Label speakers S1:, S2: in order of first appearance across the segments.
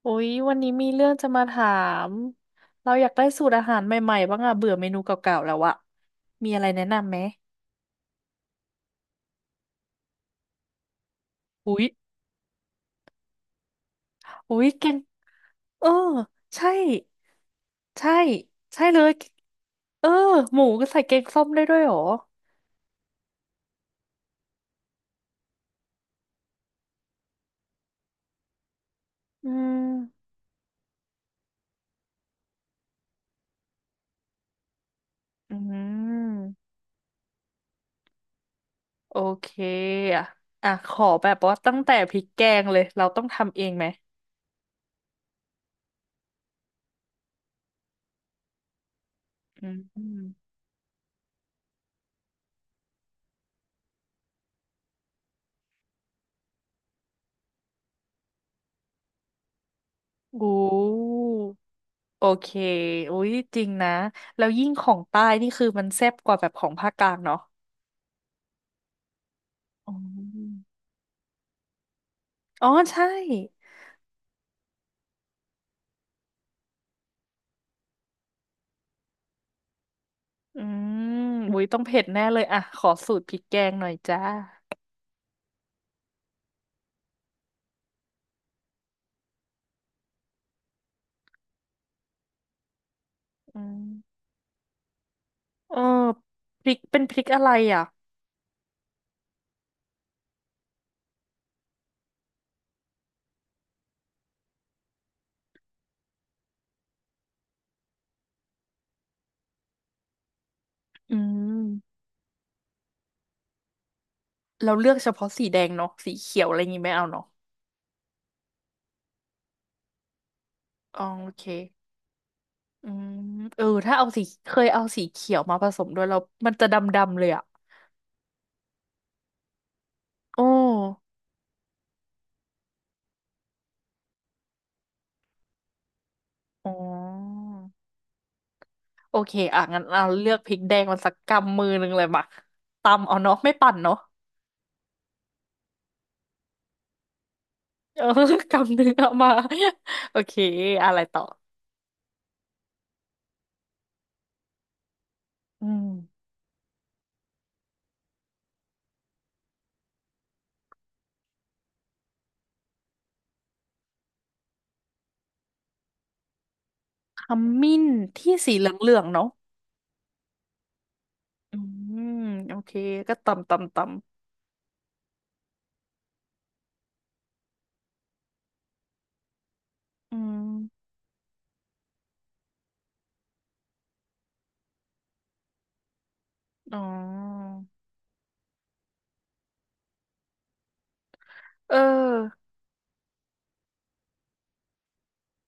S1: โอ้ยวันนี้มีเรื่องจะมาถาม เราอยากได้สูตรอาหารใหม่ๆบ้างอะเบื่อเมนูเก่าๆแล้วอะมีอะไรแนะนำไหมอุ้ยอุ้ยแกงเออใช่ ใช่ ใช่เลย เออหมูก็ใส่แกงส้มได้ด้วยเหรอ อืมอืมโอเคอะอ่ะขอแบบว่าตั้งแต่พริกแกงเลย เราต้องทำเองไหมอืมโอ้ โอเคอุ้ยจริงนะแล้วยิ่งของใต้นี่คือมันแซ่บกว่าแบบของภาคกลางเนาะอ๋ออ๋อใช่อืมอุ้ยต้องเผ็ดแน่เลยอ่ะขอสูตรพริกแกงหน่อยจ้าอืมเออพริกเป็นพริกอะไรอ่ะอืมเราเลือกเฉพาะสีแดงเนาะสีเขียวอะไรงี้ไม่เอาเนาะอ๋อโอเคอืมเออถ้าเอาสีเคยเอาสีเขียวมาผสมด้วยแล้วมันจะดำๆเลยอ่ะโอ้อ๋อ โอเคอ่ะงั้นเราเลือกพริกแดงมนสักกำมือหนึ่งเลยมาตำเอาเนาะไม่ปั่นเนาะ เออกำหนึ่งเอามาโอเคอะไรต่ออืมขมิ้นที่สีเหลืองๆเนาะอืมโอเคก็ตำตำตำอืมอ๋อเออ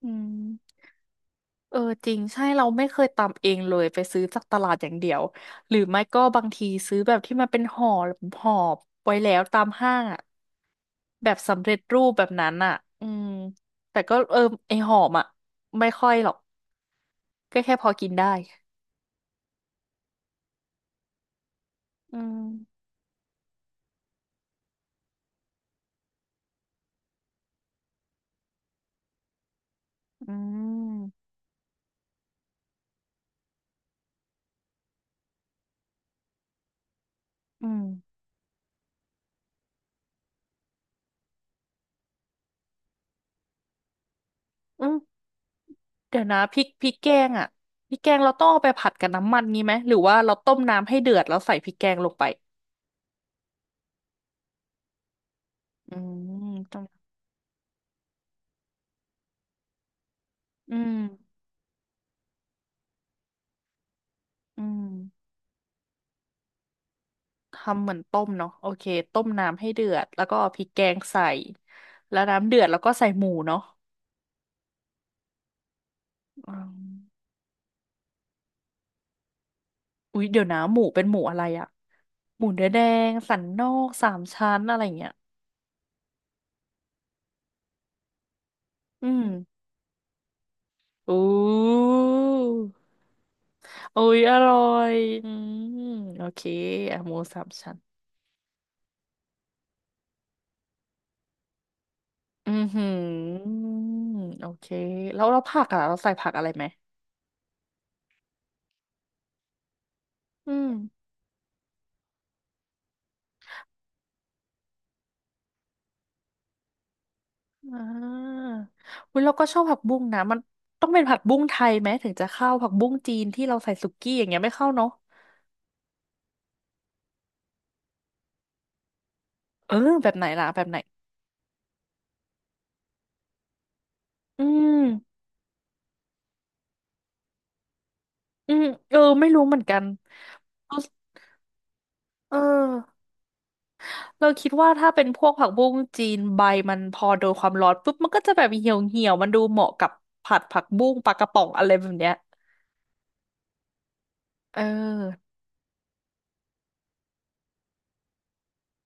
S1: อืมเออจริงใช่เราไม่เคยตำเองเลยไปซื้อจากตลาดอย่างเดียวหรือไม่ก็บางทีซื้อแบบที่มันเป็นห่อไว้แล้วตามห้างอ่ะ แบบสำเร็จรูปแบบนั้นอ่ะอืมแต่ก็เออไอหอมอ่ะไม่ค่อยหรอกก็แค่พอกินได้อืมอืมอืมอืมเดี๋ยวนะพริกแกงอ่ะพริกแกงเราต้องเอาไปผัดกับน้ำมันงี้ไหมหรือว่าเราต้มน้ำให้เดือดแล้วใส่พริกแกงลงไปอืมต้มอืมอืมทำเหมือนต้มเนาะโอเคต้มน้ำให้เดือดแล้วก็เอาพริกแกงใส่แล้วน้ำเดือดแล้วก็ใส่หมูเนาะอืม อุ๊ยเดี๋ยวนะหมูเป็นหมูอะไรอะหมูเนื้อแดงสันนอกสามชั้นอะไรอย่างเงี้ยอืมอู้อุ๊ยอร่อยอืมโอเคอะหมูสามชั้นอือหือโอเคแล้วเราผักอะเราใส่ผักอะไรไหมอืมอ่าอุ๊ยเราก็ชอบผักบุ้งนะมันต้องเป็นผักบุ้งไทยไหมถึงจะเข้าผักบุ้งจีนที่เราใส่สุกี้อย่างเงี้ยไม่เข้าเนาะเออแบบไหนล่ะแบบไหนอืมอืมเออไม่รู้เหมือนกัน เออเราคิดว่าถ้าเป็นพวกผักบุ้งจีนใบมันพอโดนความร้อนปุ๊บมันก็จะแบบเหี่ยวเหี่ยวมันดูเหมาะกับผัดผักบุ้งปลากระป๋องอะไรแบบเนี้ยเออ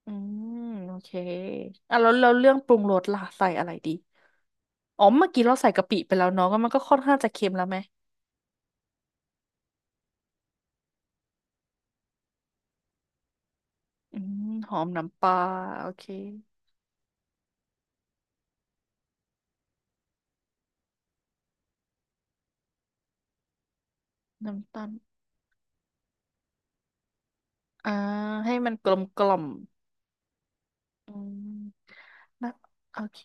S1: อืมโอเคอ่ะแล้วแล้วเรื่องปรุงรสล่ะใส่อะไรดีอ๋อเมื่อกี้เราใส่กะปิไปแล้วเนาะก็มันก็ค่อนข้างจะเค็มแล้วไหมอืมหอมน้ำปลาโอเคน้ำตาลอ่าให้มันกลมกล่อมอืมนะโอเค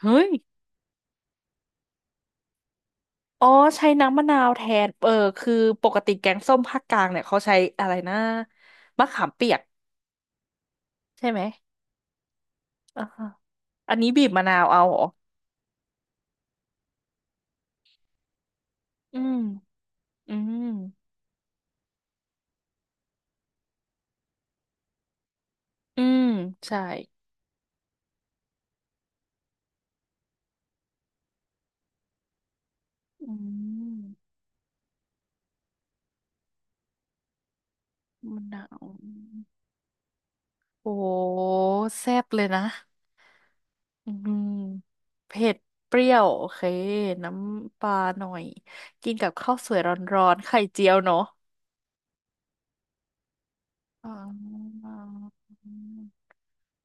S1: เฮ้ย อ๋อใช้น้ำมะนาวแทน เออคือปกติแกงส้มภาคกลางเนี่ยเขาใช้อะไรนะมะขามเปียกใช่ไหมอ่าฮะอันนี้บีบมะนาวเอาเหรออืม อืม อืมใช่ อืมมะนาว โอ้แซ่บเลยนะ อืมเผ็ดเปรี้ยวโอเคน้ำปลาหน่อยกินกับข้าวสวยร้อนๆไข่เจียวเนาะอ๋อ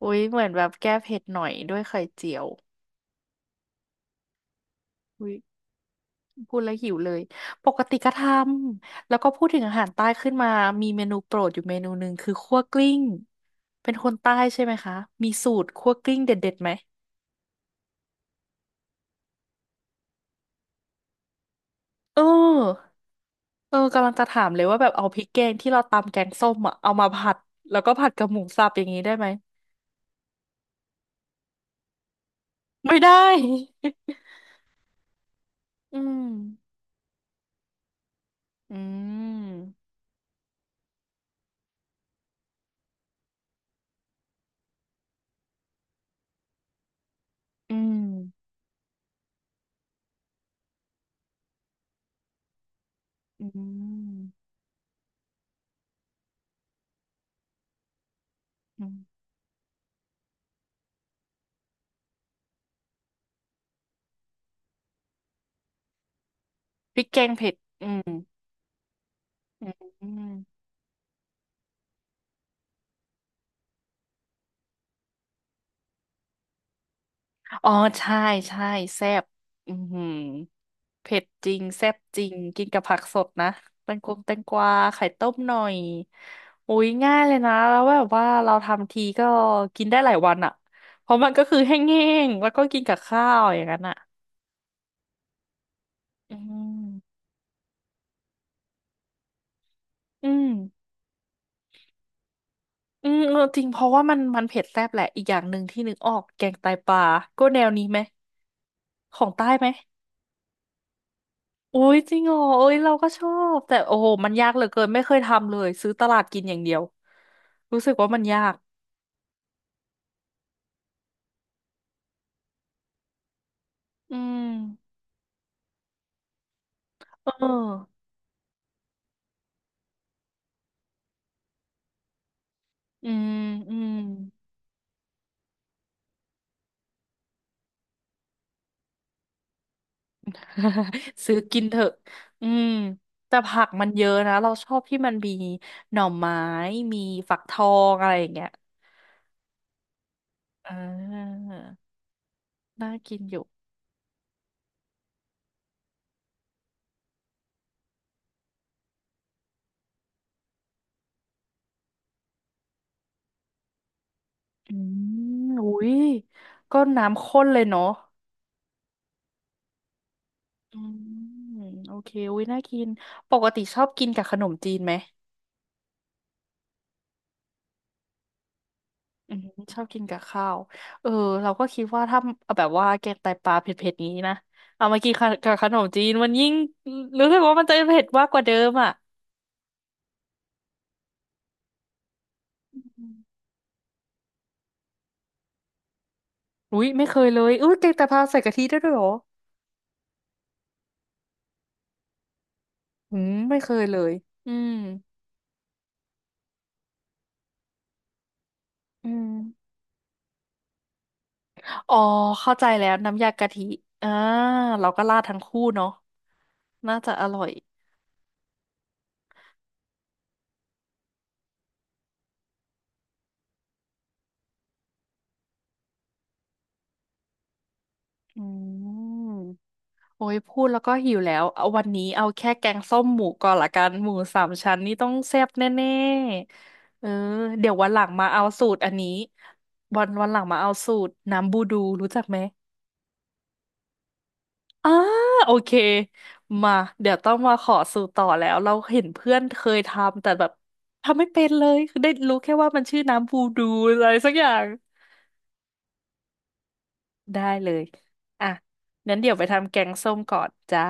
S1: อุ้ยเหมือนแบบแก้เผ็ดหน่อยด้วยไข่เจียว อุ๊ยพูดแล้วหิวเลยปกติก็ทำแล้วก็พูดถึงอาหารใต้ขึ้นมามีเมนูโปรดอยู่เมนูหนึ่งคือคั่วกลิ้ง เป็นคนใต้ใช่ไหมคะ มีสูตรคั่วกลิ้งเด็ดๆไหมเออเออกำลังจะถามเลยว่าแบบเอาพริกแกงที่เราตำแกงส้มอะเอามาผัดแล้วก็ผัดกับหมูสับอย่างนี้ได้ไหมไม่ได้ อืมอืมอืมอืมอืมพริกแกงเผ็ดอืมอืม อ๋อใช่ใช่แซ่บอือหือเผ็ดจริงแซ่บจริงกินกับผักสดนะแตงกวงแตงกวาไข่ต้มหน่อยอุ้ยง่ายเลยนะแล้วแบบว่าเราทำทีก็กินได้หลายวันอ่ะเพราะมันก็คือแห้งๆแล้วก็กินกับข้าวอย่างนั้นอ่ะอืมอืมอืมเออจริงเพราะว่ามันเผ็ดแซ่บแหละอีกอย่างหนึ่งที่นึกออกแกงไตปลาก็แนวนี้ไหมของใต้ไหม โอ้ยจริงเหรอเอ้ยเราก็ชอบแต่โอ้โหมันยากเหลือเกินไม่เคยทำเลยซื้อตลาดกินอย่างเดียวรู้สึกว่ามันยากอืมเอออืมอืม ซื้อกินเถอะอืมแต่ผักมันเยอะนะเราชอบที่มันมีหน่อไม้มีฝักทองอะไรอย่างเงี้ยอ่าน่ากินอยู่อืมอุ้ยก็น้ำข้นเลยเนาะอืมโอเคอุ้ยน่ากินปกติชอบกินกับขนมจีนไหม อืมชอบกินกับข้าวเออเราก็คิดว่าถ้าแบบว่าแกงไตปลาเผ็ดๆนี้นะเอามากินกับขนมจีนมันยิ่งรู้สึกว่ามันจะเผ็ดมากกว่าเดิมอ่ะอืมอุ้ยไม่เคยเลยอุ้ยแกงไตปลาใส่กะทิได้ด้วยเหรออืมไม่เคยเลยอืมอืมอ๋อเข้าใจแล้วน้ำยากะทิอ่าเราก็ราดทั้งคู่เนาะน่าจะอร่อยอืม โอ้ยพูดแล้วก็หิวแล้วเอาวันนี้เอาแค่แกงส้มหมูก่อนละกันหมูสามชั้นนี่ต้องแซ่บแน่ๆเออเดี๋ยววันหลังมาเอาสูตรอันนี้วันหลังมาเอาสูตรน้ำบูดูรู้จักไหมอ่าโอเคมาเดี๋ยวต้องมาขอสูตรต่อแล้วเราเห็นเพื่อนเคยทำแต่แบบทำไม่เป็นเลยคือได้รู้แค่ว่ามันชื่อน้ำบูดูอะไรสักอย่างได้เลยอ่ะงั้นเดี๋ยวไปทำแกงส้มก่อนจ้า